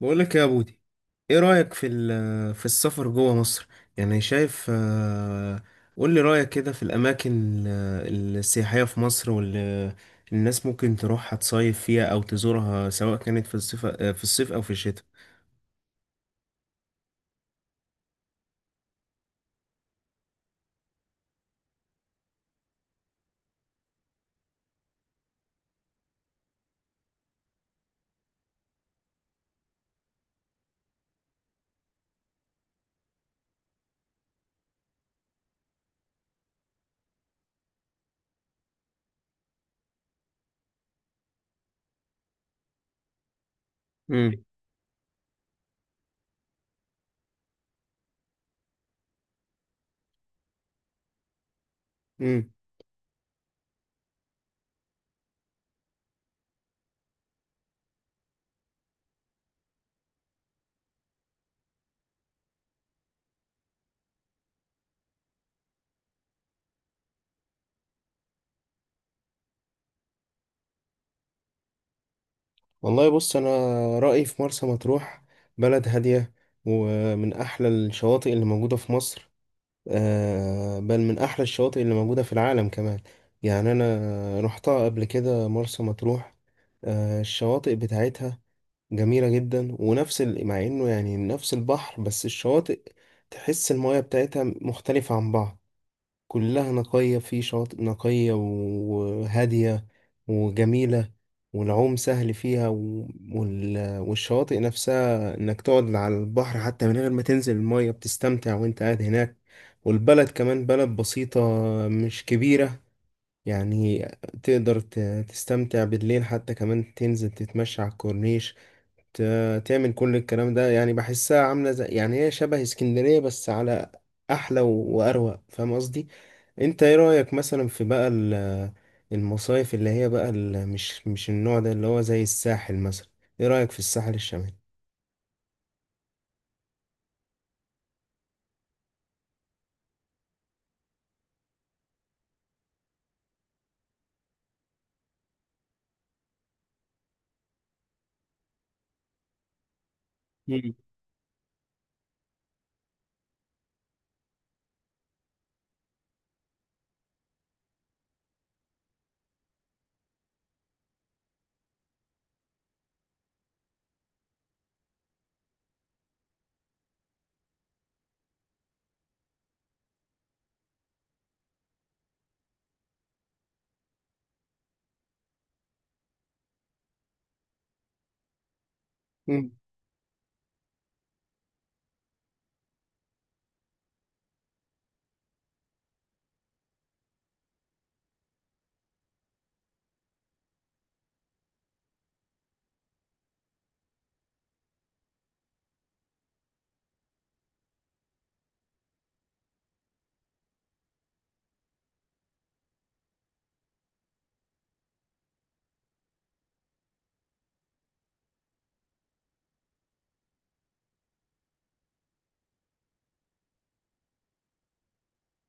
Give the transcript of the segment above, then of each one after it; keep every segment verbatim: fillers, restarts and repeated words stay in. بقول لك يا بودي، ايه رأيك في ال- في السفر جوه مصر؟ يعني شايف. آه، قول لي رأيك كده في الاماكن ال- السياحية في مصر، واللي الناس ممكن تروحها تصيف فيها او تزورها، سواء كانت في الصيف، آه، في الصيف او في الشتاء. امم امم والله بص، انا رأيي في مرسى مطروح، بلد هادية ومن احلى الشواطئ اللي موجودة في مصر. آه، بل من أحلى الشواطئ اللي موجودة في العالم كمان. يعني أنا رحتها قبل كده مرسى مطروح. آه، الشواطئ بتاعتها جميلة جدا، ونفس ال... مع إنه يعني نفس البحر بس الشواطئ، تحس المياه بتاعتها مختلفة عن بعض، كلها نقية، في شواطئ نقية وهادية وجميلة، والعوم سهل فيها، و- وال- والشواطئ نفسها إنك تقعد على البحر، حتى من غير ما تنزل المية بتستمتع وإنت قاعد هناك. والبلد كمان بلد بسيطة، مش كبيرة. يعني تقدر ت- تستمتع بالليل حتى، كمان تنزل تتمشى على الكورنيش، ت- تعمل كل الكلام ده. يعني بحسها عاملة زي، يعني هي شبه اسكندرية بس على أحلى و- وأروق. فاهم قصدي؟ انت ايه رأيك مثلا في بقى ال- المصايف اللي هي بقى ال- مش مش النوع ده اللي هو زي الساحل مثلا؟ ايه رأيك في الساحل الشمالي؟ مم.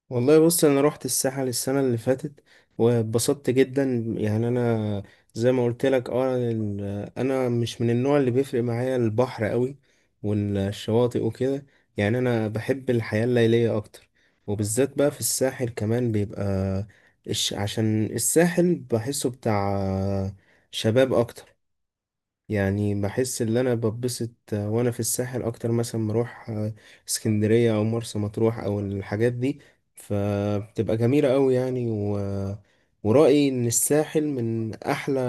والله بص، انا رحت الساحل السنه اللي فاتت واتبسطت جدا. يعني انا زي ما قلت لك، اه، ال- انا مش من النوع اللي بيفرق معايا البحر قوي والشواطئ وكده. يعني انا بحب الحياه الليليه اكتر، وبالذات بقى في الساحل كمان بيبقى، الش- عشان الساحل بحسه بتاع شباب اكتر. يعني بحس ان انا ببسط، آه، وانا في الساحل اكتر مثلا ما اروح آه، اسكندرية او مرسى مطروح او الحاجات دي. فبتبقى جميلة قوي يعني و... ورأيي ان الساحل من احلى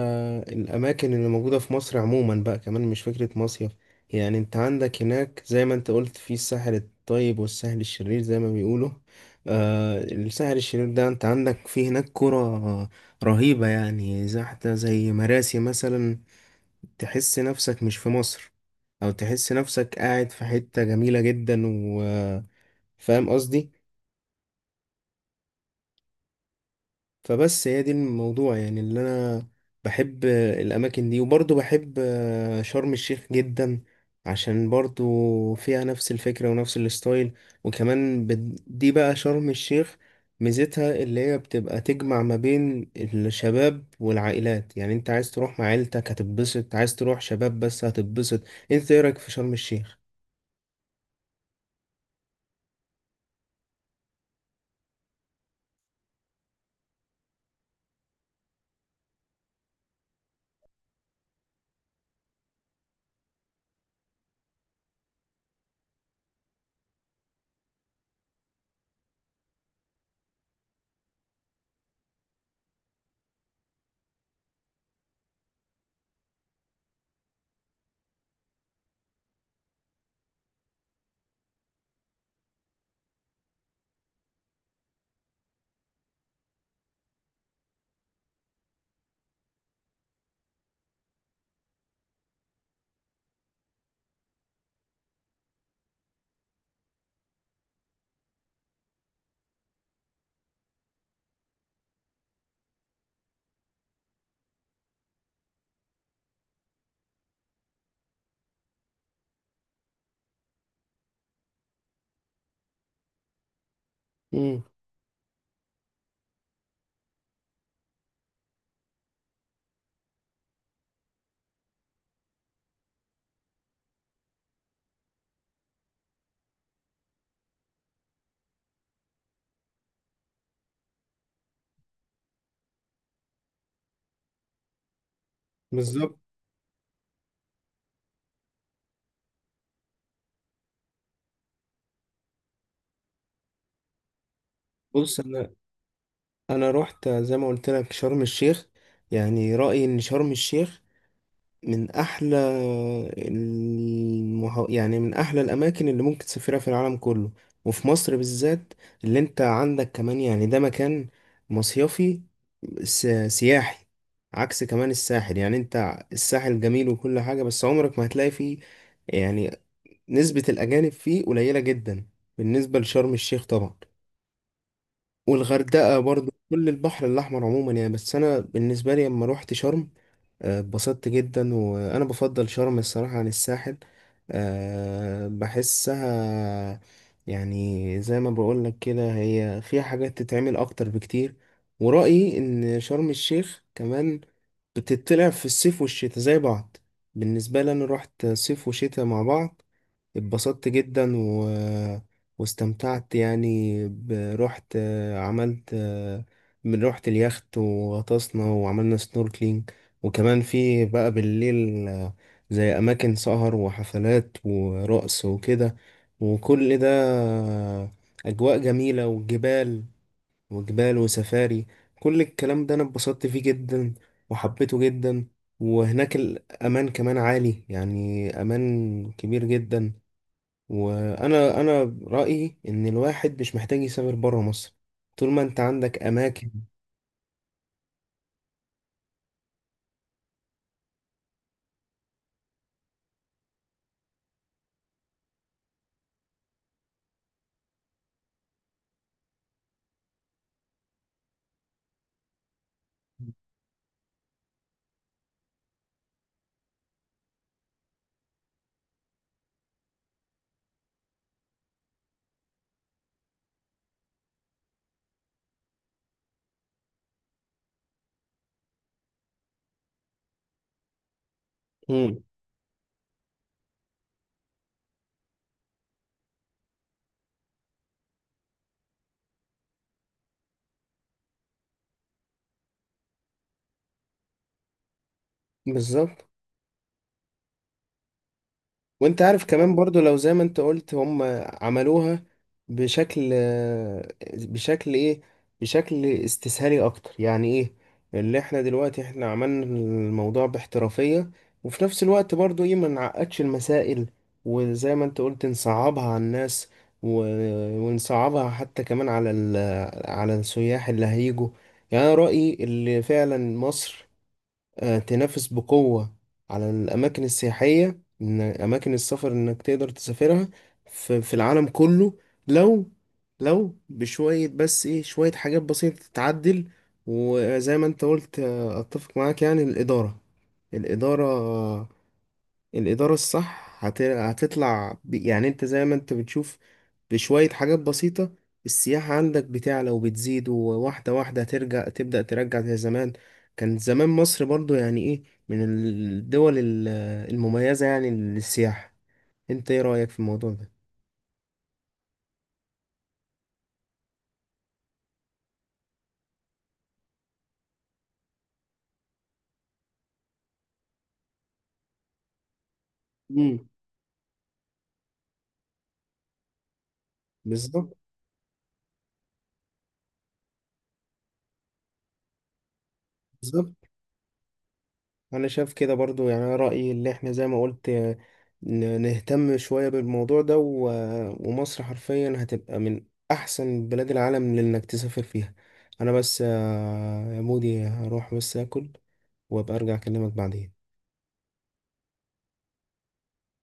الاماكن اللي موجودة في مصر عموما، بقى كمان مش فكرة مصيف. يعني انت عندك هناك زي ما انت قلت في الساحل الطيب والساحل الشرير، زي ما بيقولوا. آه، الساحل الشرير ده انت عندك في هناك قرى رهيبة، يعني زي حتى زي مراسي مثلا، تحس نفسك مش في مصر، او تحس نفسك قاعد في حتة جميلة جدا. وفاهم قصدي. فبس هي دي الموضوع، يعني اللي انا بحب الاماكن دي. وبرضه بحب شرم الشيخ جدا، عشان برضه فيها نفس الفكرة ونفس الستايل. وكمان بت- دي بقى شرم الشيخ، ميزتها اللي هي بتبقى تجمع ما بين الشباب والعائلات. يعني انت عايز تروح مع عيلتك هتتبسط، عايز تروح شباب بس هتتبسط. انت ايه رأيك في شرم الشيخ؟ امم بالظبط. بص انا، انا رحت زي ما قلت لك شرم الشيخ. يعني رأيي ان شرم الشيخ من احلى المه... يعني من احلى الاماكن اللي ممكن تسافرها في العالم كله، وفي مصر بالذات. اللي انت عندك كمان يعني ده مكان مصيفي، س... سياحي. عكس كمان الساحل، يعني انت الساحل جميل وكل حاجة بس عمرك ما هتلاقي فيه يعني نسبة الأجانب فيه قليلة جدا، بالنسبة لشرم الشيخ طبعا، والغردقة برضو، كل البحر الأحمر عموما يعني. بس أنا بالنسبة لي لما روحت شرم، آه، اتبسطت جدا. وأنا بفضل شرم الصراحة عن الساحل. آه، بحسها، يعني زي ما بقولك كده، هي فيها حاجات تتعمل أكتر بكتير. ورأيي إن شرم الشيخ كمان بتطلع في الصيف والشتاء زي بعض. بالنسبة لي أنا روحت صيف وشتاء مع بعض، اتبسطت جدا و... واستمتعت يعني ب... رحت، آه، عملت، آه، من رحت اليخت وغطسنا وعملنا سنوركلينج. وكمان في بقى بالليل، آه، زي أماكن سهر وحفلات ورقص وكده، وكل ده، آه، أجواء جميلة، وجبال، وجبال وسفاري. كل الكلام ده أنا اتبسطت فيه جدا وحبيته جدا. وهناك الأمان كمان عالي، يعني أمان كبير جدا. وانا انا رايي ان الواحد مش محتاج يسافر بره مصر طول ما انت عندك اماكن. مم. بالظبط. وانت عارف كمان برضو، لو زي ما انت قلت هم عملوها بشكل، بشكل ايه بشكل استسهالي اكتر، يعني ايه اللي احنا دلوقتي احنا عملنا الموضوع باحترافية. وفي نفس الوقت برضو، ايه، ما نعقدش المسائل، وزي ما انت قلت نصعبها على الناس، و... ونصعبها حتى كمان على ال... على السياح اللي هيجوا. يعني انا رأيي اللي فعلا مصر، آه، تنافس بقوة على الأماكن السياحية، إن أماكن السفر إنك تقدر تسافرها في، في العالم كله، لو لو بشوية بس، إيه، شوية حاجات بسيطة تتعدل. وزي ما أنت قلت، آه، أتفق معاك يعني، الإدارة، الإدارة آه، الإدارة الصح هت- هتطلع ب- يعني أنت زي ما أنت بتشوف، بشوية حاجات بسيطة، السياحة عندك بتعلى وبتزيد، وواحدة واحدة ترجع تبدأ ترجع زي زمان. كان زمان مصر برضو يعني ايه، من الدول ال- المميزة يعني للسياحة. انت ايه رأيك في الموضوع ده؟ مم. بالظبط بالظبط. انا شايف كده برضو، يعني أنا رأيي اللي احنا زي ما قلت، آه، ن- نهتم شوية بالموضوع ده، و... ومصر حرفيا هتبقى من احسن بلاد العالم لانك تسافر فيها. انا بس، آه، يا مودي، هروح بس اكل وابقى ارجع اكلمك بعدين.